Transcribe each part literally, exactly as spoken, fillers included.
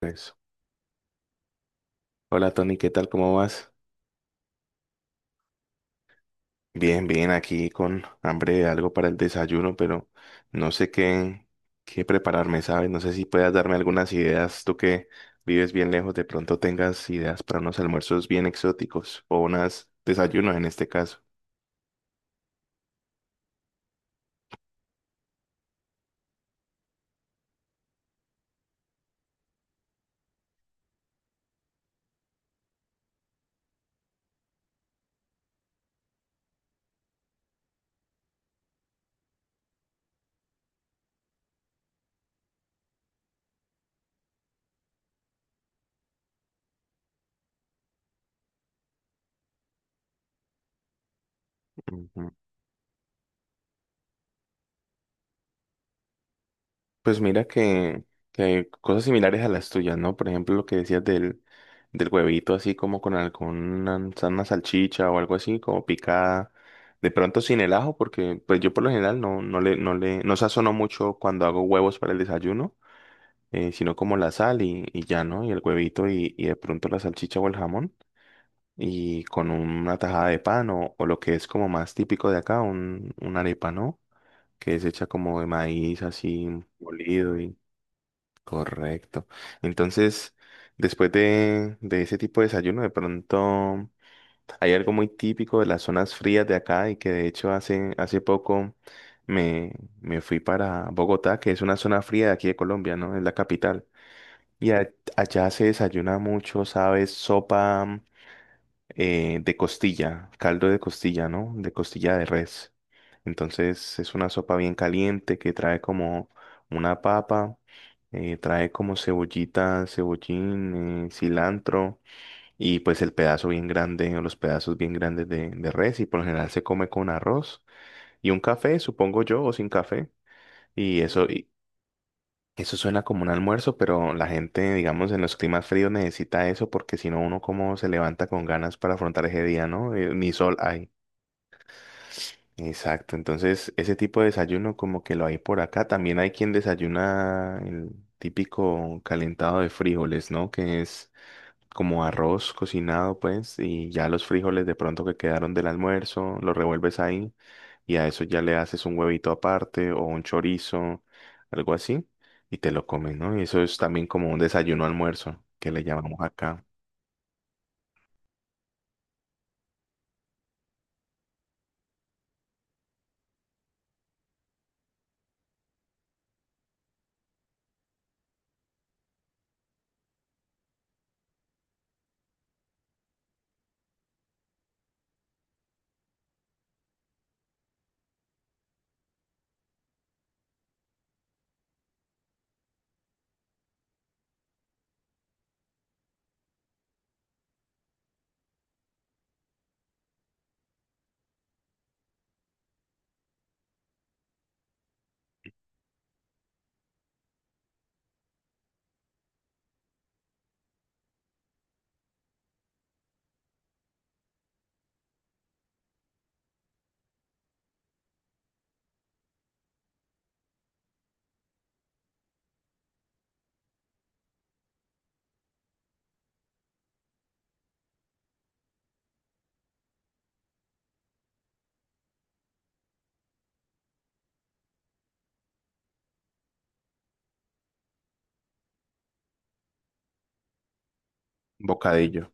Pues, hola Tony, ¿qué tal? ¿Cómo vas? Bien, bien, aquí con hambre de algo para el desayuno, pero no sé qué, qué prepararme, ¿sabes? No sé si puedas darme algunas ideas, tú que vives bien lejos, de pronto tengas ideas para unos almuerzos bien exóticos o unos desayunos en este caso. Pues mira que, que cosas similares a las tuyas, ¿no? Por ejemplo, lo que decías del, del huevito así como con alguna una salchicha o algo así, como picada, de pronto sin el ajo, porque pues yo por lo general no, no le, no le, no sazono mucho cuando hago huevos para el desayuno, eh, sino como la sal y, y ya, ¿no? Y el huevito y, y de pronto la salchicha o el jamón y con una tajada de pan o, o lo que es como más típico de acá, un, una arepa, ¿no? Que es hecha como de maíz así molido y... Correcto. Entonces, después de, de ese tipo de desayuno, de pronto hay algo muy típico de las zonas frías de acá y que de hecho hace, hace poco me, me fui para Bogotá, que es una zona fría de aquí de Colombia, ¿no? Es la capital. Y a- Allá se desayuna mucho, ¿sabes? Sopa, eh, de costilla, caldo de costilla, ¿no? De costilla de res. Entonces es una sopa bien caliente que trae como una papa, eh, trae como cebollita, cebollín, eh, cilantro y pues el pedazo bien grande o los pedazos bien grandes de, de res y por lo general se come con arroz y un café, supongo yo, o sin café. Y eso, eso suena como un almuerzo, pero la gente, digamos, en los climas fríos necesita eso porque si no uno como se levanta con ganas para afrontar ese día, ¿no? Eh, ni sol hay. Exacto, entonces ese tipo de desayuno como que lo hay por acá. También hay quien desayuna el típico calentado de frijoles, ¿no? Que es como arroz cocinado, pues, y ya los frijoles de pronto que quedaron del almuerzo, los revuelves ahí y a eso ya le haces un huevito aparte o un chorizo, algo así, y te lo comes, ¿no? Y eso es también como un desayuno almuerzo, que le llamamos acá bocadillo.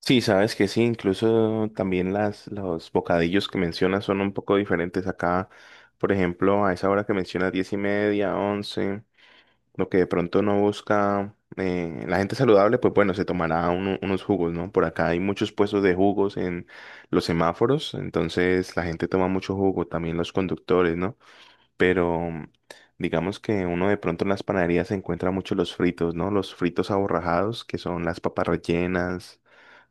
Sí, sabes que sí, incluso también las, los bocadillos que mencionas son un poco diferentes acá. Por ejemplo, a esa hora que mencionas diez y media, once. Lo que de pronto no busca eh, la gente saludable, pues bueno, se tomará uno- unos jugos, ¿no? Por acá hay muchos puestos de jugos en los semáforos, entonces la gente toma mucho jugo, también los conductores, ¿no? Pero digamos que uno de pronto en las panaderías se encuentra mucho los fritos, ¿no? Los fritos aborrajados, que son las papas rellenas,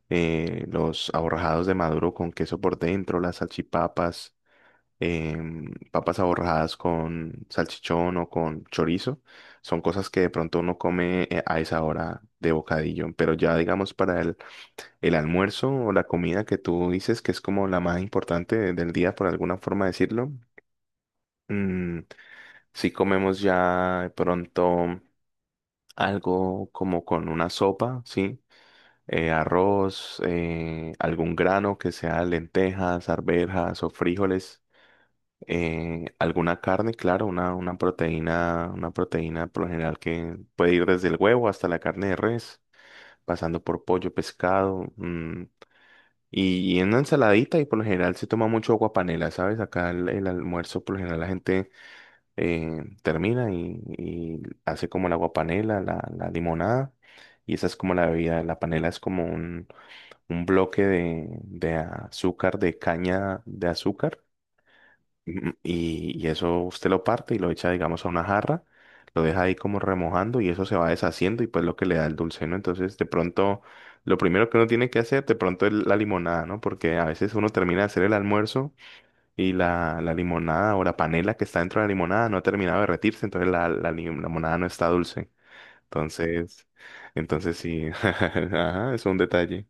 eh, los aborrajados de maduro con queso por dentro, las salchipapas, em, papas aborradas con salchichón o con chorizo. Son cosas que de pronto uno come eh, a esa hora de bocadillo, pero ya digamos para el, el almuerzo o la comida que tú dices que es como la más importante de- del día, por alguna forma decirlo, si comemos ya de pronto algo como con una sopa, ¿sí? Eh, arroz, eh, algún grano que sea lentejas, arvejas o frijoles. Eh, alguna carne, claro, una, una proteína, una proteína por lo general que puede ir desde el huevo hasta la carne de res, pasando por pollo, pescado, mm, y, y una ensaladita y por lo general se toma mucho agua panela, ¿sabes? Acá el, el almuerzo por lo general la gente eh, termina y, y hace como el agua panela, la, la limonada. Y esa es como la bebida. La panela es como un, un bloque de, de azúcar, de caña de azúcar. Mm, Y, y eso usted lo parte y lo echa, digamos, a una jarra, lo deja ahí como remojando y eso se va deshaciendo y pues lo que le da el dulce, ¿no? Entonces, de pronto, lo primero que uno tiene que hacer, de pronto es la limonada, ¿no? Porque a veces uno termina de hacer el almuerzo y la, la limonada o la panela que está dentro de la limonada no ha terminado de derretirse, entonces la, la limonada no está dulce. Entonces, entonces sí, ajá, es un detalle.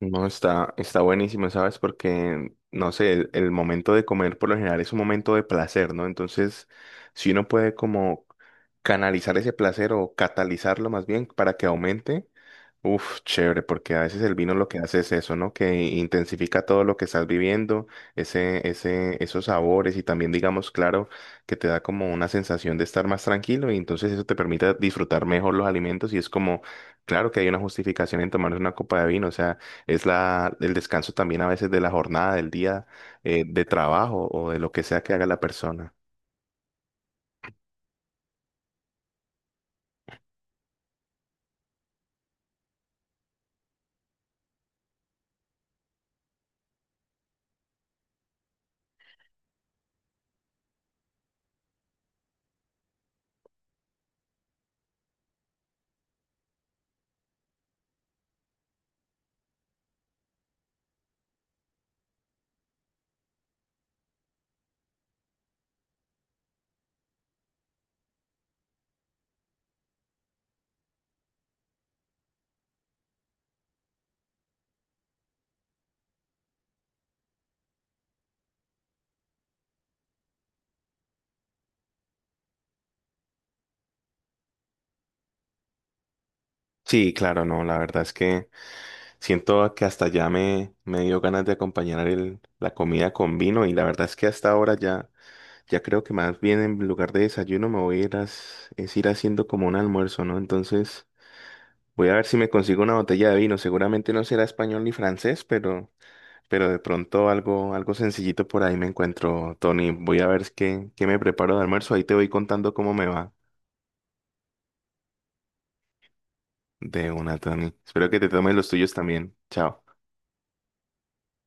No, está, está buenísimo, ¿sabes? Porque, no sé, el, el momento de comer por lo general es un momento de placer, ¿no? Entonces, si uno puede como canalizar ese placer o catalizarlo más bien para que aumente, uf, chévere, porque a veces el vino lo que hace es eso, ¿no? Que intensifica todo lo que estás viviendo, ese, ese, esos sabores y también, digamos, claro, que te da como una sensación de estar más tranquilo y entonces eso te permite disfrutar mejor los alimentos y es como, claro que hay una justificación en tomar una copa de vino, o sea, es la, el descanso también a veces de la jornada, del día, eh, de trabajo o de lo que sea que haga la persona. Sí, claro, no, la verdad es que... Siento que hasta ya me, me dio ganas de acompañar el- la comida con vino y la verdad es que hasta ahora ya, ya creo que más bien en lugar de desayuno me voy a ir, as- es ir haciendo como un almuerzo, ¿no? Entonces voy a ver si me consigo una botella de vino. Seguramente no será español ni francés, pero, pero de pronto algo, algo sencillito por ahí me encuentro, Tony. Voy a ver qué, qué me preparo de almuerzo. Ahí te voy contando cómo me va de una, Tony. Espero que te tomes los tuyos también. Chao.